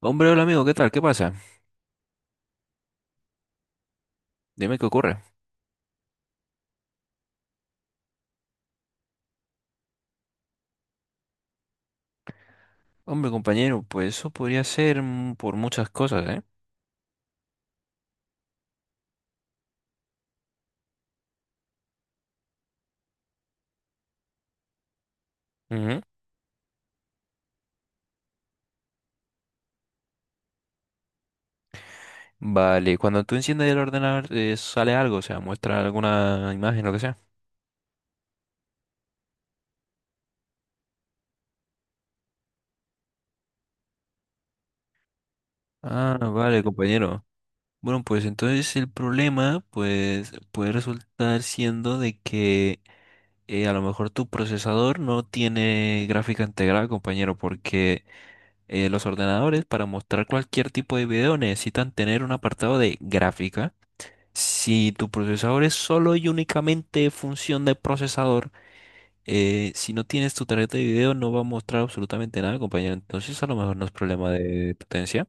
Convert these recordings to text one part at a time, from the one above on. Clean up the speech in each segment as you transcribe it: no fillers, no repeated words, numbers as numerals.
Hombre, hola amigo, ¿qué tal? ¿Qué pasa? Dime qué ocurre. Hombre, compañero, pues eso podría ser por muchas cosas, ¿eh? Ujú. Vale, cuando tú enciendes el ordenador, sale algo, o sea, muestra alguna imagen, lo que sea. Ah, vale, compañero. Bueno, pues entonces el problema, pues, puede resultar siendo de que a lo mejor tu procesador no tiene gráfica integrada, compañero, porque los ordenadores para mostrar cualquier tipo de video necesitan tener un apartado de gráfica. Si tu procesador es solo y únicamente función de procesador, si no tienes tu tarjeta de video no va a mostrar absolutamente nada, compañero. Entonces a lo mejor no es problema de potencia.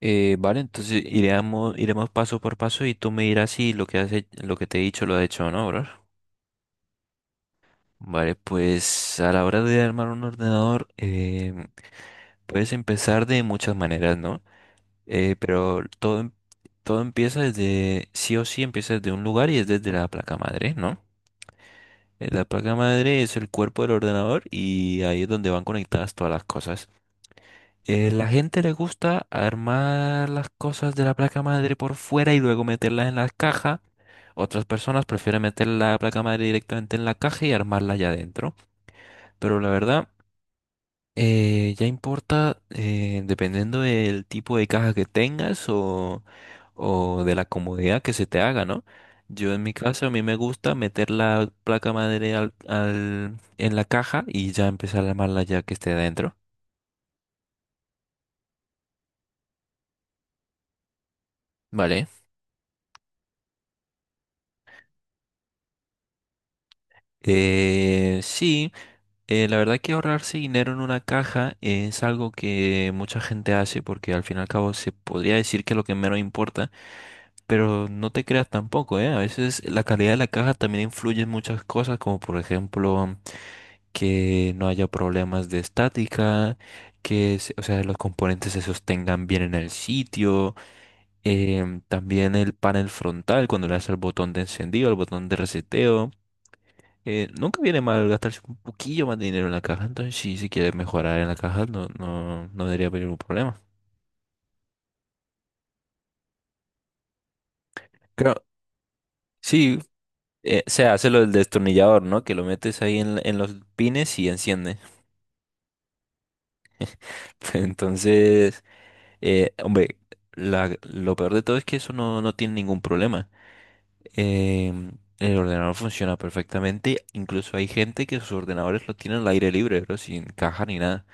Vale, entonces iremos paso por paso y tú me dirás si lo que lo que te he dicho lo has hecho o no, bro. Vale, pues a la hora de armar un ordenador puedes empezar de muchas maneras, ¿no? Pero todo empieza desde, sí o sí empieza desde un lugar y es desde la placa madre, ¿no? La placa madre es el cuerpo del ordenador y ahí es donde van conectadas todas las cosas. La gente le gusta armar las cosas de la placa madre por fuera y luego meterlas en la caja. Otras personas prefieren meter la placa madre directamente en la caja y armarla allá adentro. Pero la verdad. Ya importa dependiendo del tipo de caja que tengas o de la comodidad que se te haga, ¿no? Yo en mi caso a mí me gusta meter la placa madre en la caja y ya empezar a armarla ya que esté dentro. Vale. Sí, la verdad que ahorrarse dinero en una caja es algo que mucha gente hace porque al fin y al cabo se podría decir que es lo que menos importa. Pero no te creas tampoco, ¿eh? A veces la calidad de la caja también influye en muchas cosas, como por ejemplo que no haya problemas de estática, o sea, los componentes se sostengan bien en el sitio, también el panel frontal cuando le das al botón de encendido, al botón de reseteo. Nunca viene mal gastarse un poquillo más de dinero en la caja, entonces sí, si quieres mejorar en la caja, no, no, no debería haber ningún problema. Claro, sí, se hace lo del destornillador, ¿no? Que lo metes ahí en los pines y enciende. Entonces, hombre, lo peor de todo es que eso no tiene ningún problema. Em, el ordenador funciona perfectamente. Incluso hay gente que sus ordenadores lo tienen al aire libre, pero sin caja ni nada.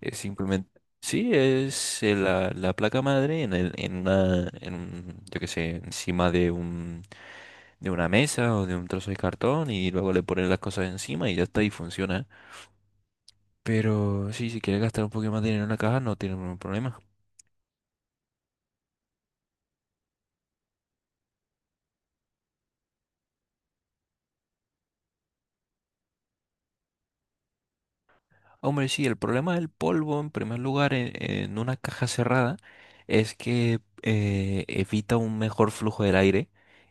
Es simplemente. Sí, es la placa madre en, el, en una, en, un- yo qué sé, encima de una mesa o de un trozo de cartón y luego le ponen las cosas encima y ya está y funciona. Pero sí, si quieres gastar un poquito más de dinero en la caja, no tiene ningún problema. Hombre, sí, el problema del polvo, en primer lugar, en una caja cerrada, es que evita un mejor flujo del aire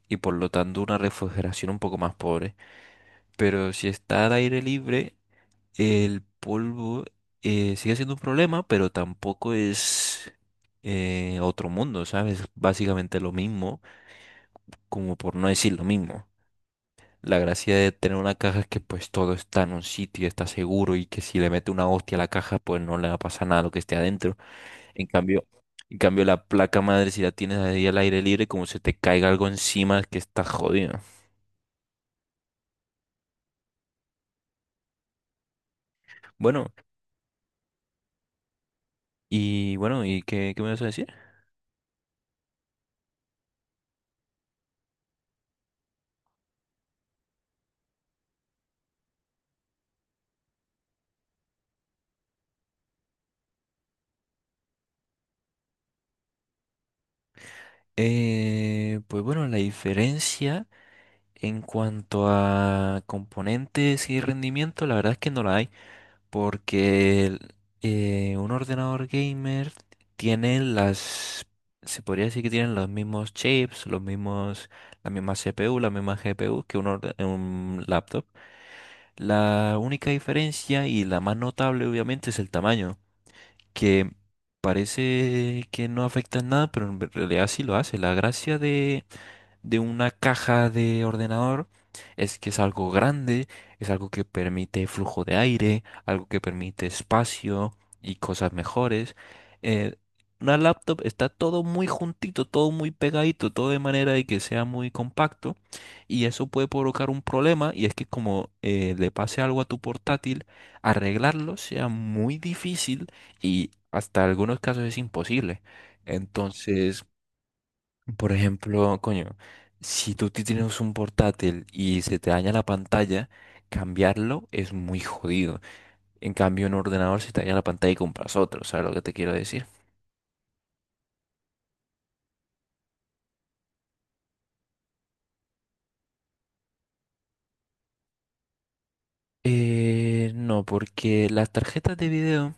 y por lo tanto una refrigeración un poco más pobre. Pero si está al aire libre, el polvo sigue siendo un problema, pero tampoco es otro mundo, ¿sabes? Básicamente lo mismo, como por no decir lo mismo. La gracia de tener una caja es que pues todo está en un sitio, está seguro y que si le mete una hostia a la caja pues no le va a pasar nada a lo que esté adentro. En cambio, en cambio, la placa madre si la tienes ahí al aire libre como se te caiga algo encima que está jodido. Bueno, bueno, ¿y qué me vas a decir? Pues bueno, la diferencia en cuanto a componentes y rendimiento, la verdad es que no la hay. Porque un ordenador gamer tiene se podría decir que tienen los mismos chips, la misma CPU, la misma GPU que un laptop. La única diferencia y la más notable obviamente es el tamaño, que parece que no afecta en nada, pero en realidad sí lo hace. La gracia de una caja de ordenador es que es algo grande, es algo que permite flujo de aire, algo que permite espacio y cosas mejores. Eh, una laptop está todo muy juntito, todo muy pegadito, todo de manera de que sea muy compacto y eso puede provocar un problema y es que como le pase algo a tu portátil, arreglarlo sea muy difícil y hasta algunos casos es imposible. Entonces, por ejemplo, coño, si tú tienes un portátil y se te daña la pantalla, cambiarlo es muy jodido. En cambio, en un ordenador se te daña la pantalla y compras otro, ¿sabes lo que te quiero decir? No, porque las tarjetas de video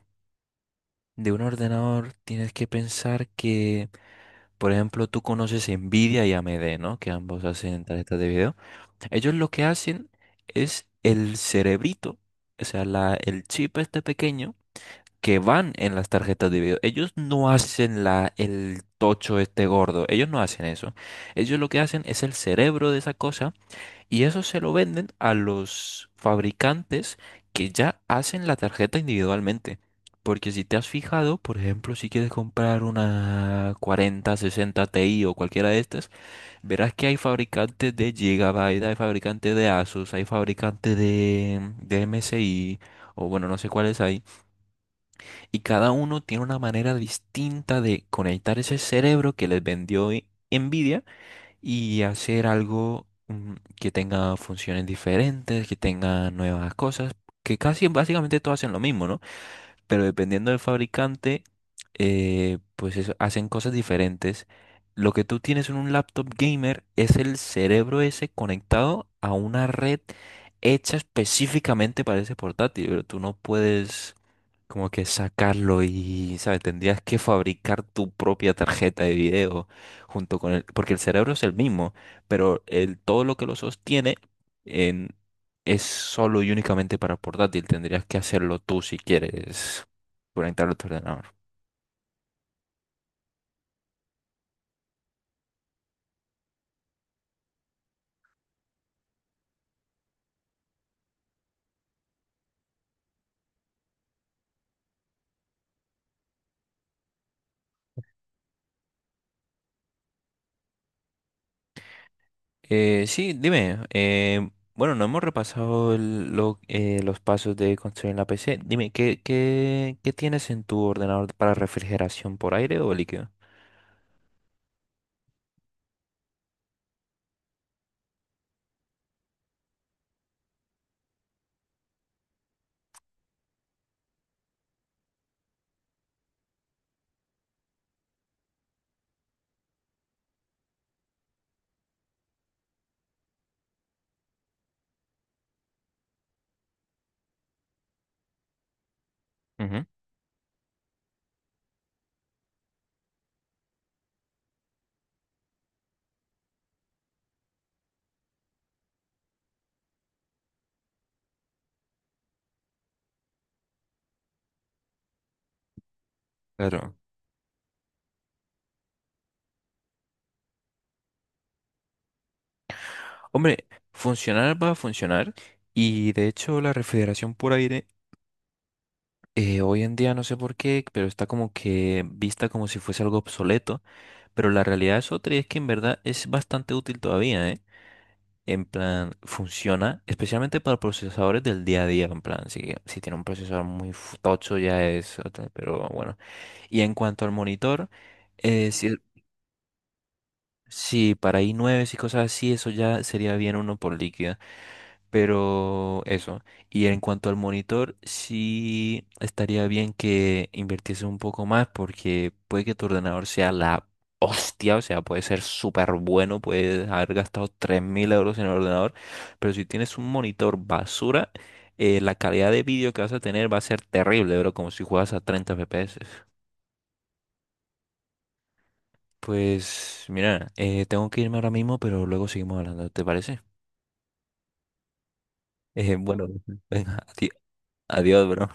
de un ordenador tienes que pensar que, por ejemplo, tú conoces Nvidia y AMD, ¿no? Que ambos hacen tarjetas de video. Ellos lo que hacen es el cerebrito, o sea, el chip este pequeño que van en las tarjetas de video. Ellos no hacen el tocho este gordo, ellos no hacen eso. Ellos lo que hacen es el cerebro de esa cosa y eso se lo venden a los fabricantes que ya hacen la tarjeta individualmente. Porque si te has fijado, por ejemplo, si quieres comprar una 40, 60 Ti o cualquiera de estas, verás que hay fabricantes de Gigabyte, hay fabricantes de Asus, hay fabricantes de MSI, o bueno, no sé cuáles hay. Y cada uno tiene una manera distinta de conectar ese cerebro que les vendió Nvidia y hacer algo que tenga funciones diferentes, que tenga nuevas cosas, que casi básicamente todos hacen lo mismo, ¿no? Pero dependiendo del fabricante, pues eso, hacen cosas diferentes. Lo que tú tienes en un laptop gamer es el cerebro ese conectado a una red hecha específicamente para ese portátil, pero tú no puedes como que sacarlo y, ¿sabes? Tendrías que fabricar tu propia tarjeta de video junto con el, porque el cerebro es el mismo, pero todo lo que lo sostiene es solo y únicamente para portátil. Tendrías que hacerlo tú si quieres conectarlo a tu ordenador. Sí, dime. Bueno, no hemos repasado los pasos de construir la PC. Dime, ¿qué tienes en tu ordenador para refrigeración por aire o líquido? Ujú. Claro. Hombre, funcionar va a funcionar. Y de hecho, la refrigeración por aire, hoy en día no sé por qué, pero está como que vista como si fuese algo obsoleto. Pero la realidad es otra y es que en verdad es bastante útil todavía, ¿eh? En plan, funciona especialmente para procesadores del día a día, en plan, si tiene un procesador muy tocho ya es otra, pero bueno. Y en cuanto al monitor, eh, si, si, para i9 y cosas así, eso ya sería bien uno por líquida. Pero eso. Y en cuanto al monitor, sí estaría bien que invirtiese un poco más porque puede que tu ordenador sea la hostia, o sea, puede ser súper bueno, puedes haber gastado 3.000 euros en el ordenador, pero si tienes un monitor basura, la calidad de vídeo que vas a tener va a ser terrible, bro, como si juegas a 30 FPS. Pues mira, tengo que irme ahora mismo, pero luego seguimos hablando, ¿te parece? Bueno, venga, adiós, bro.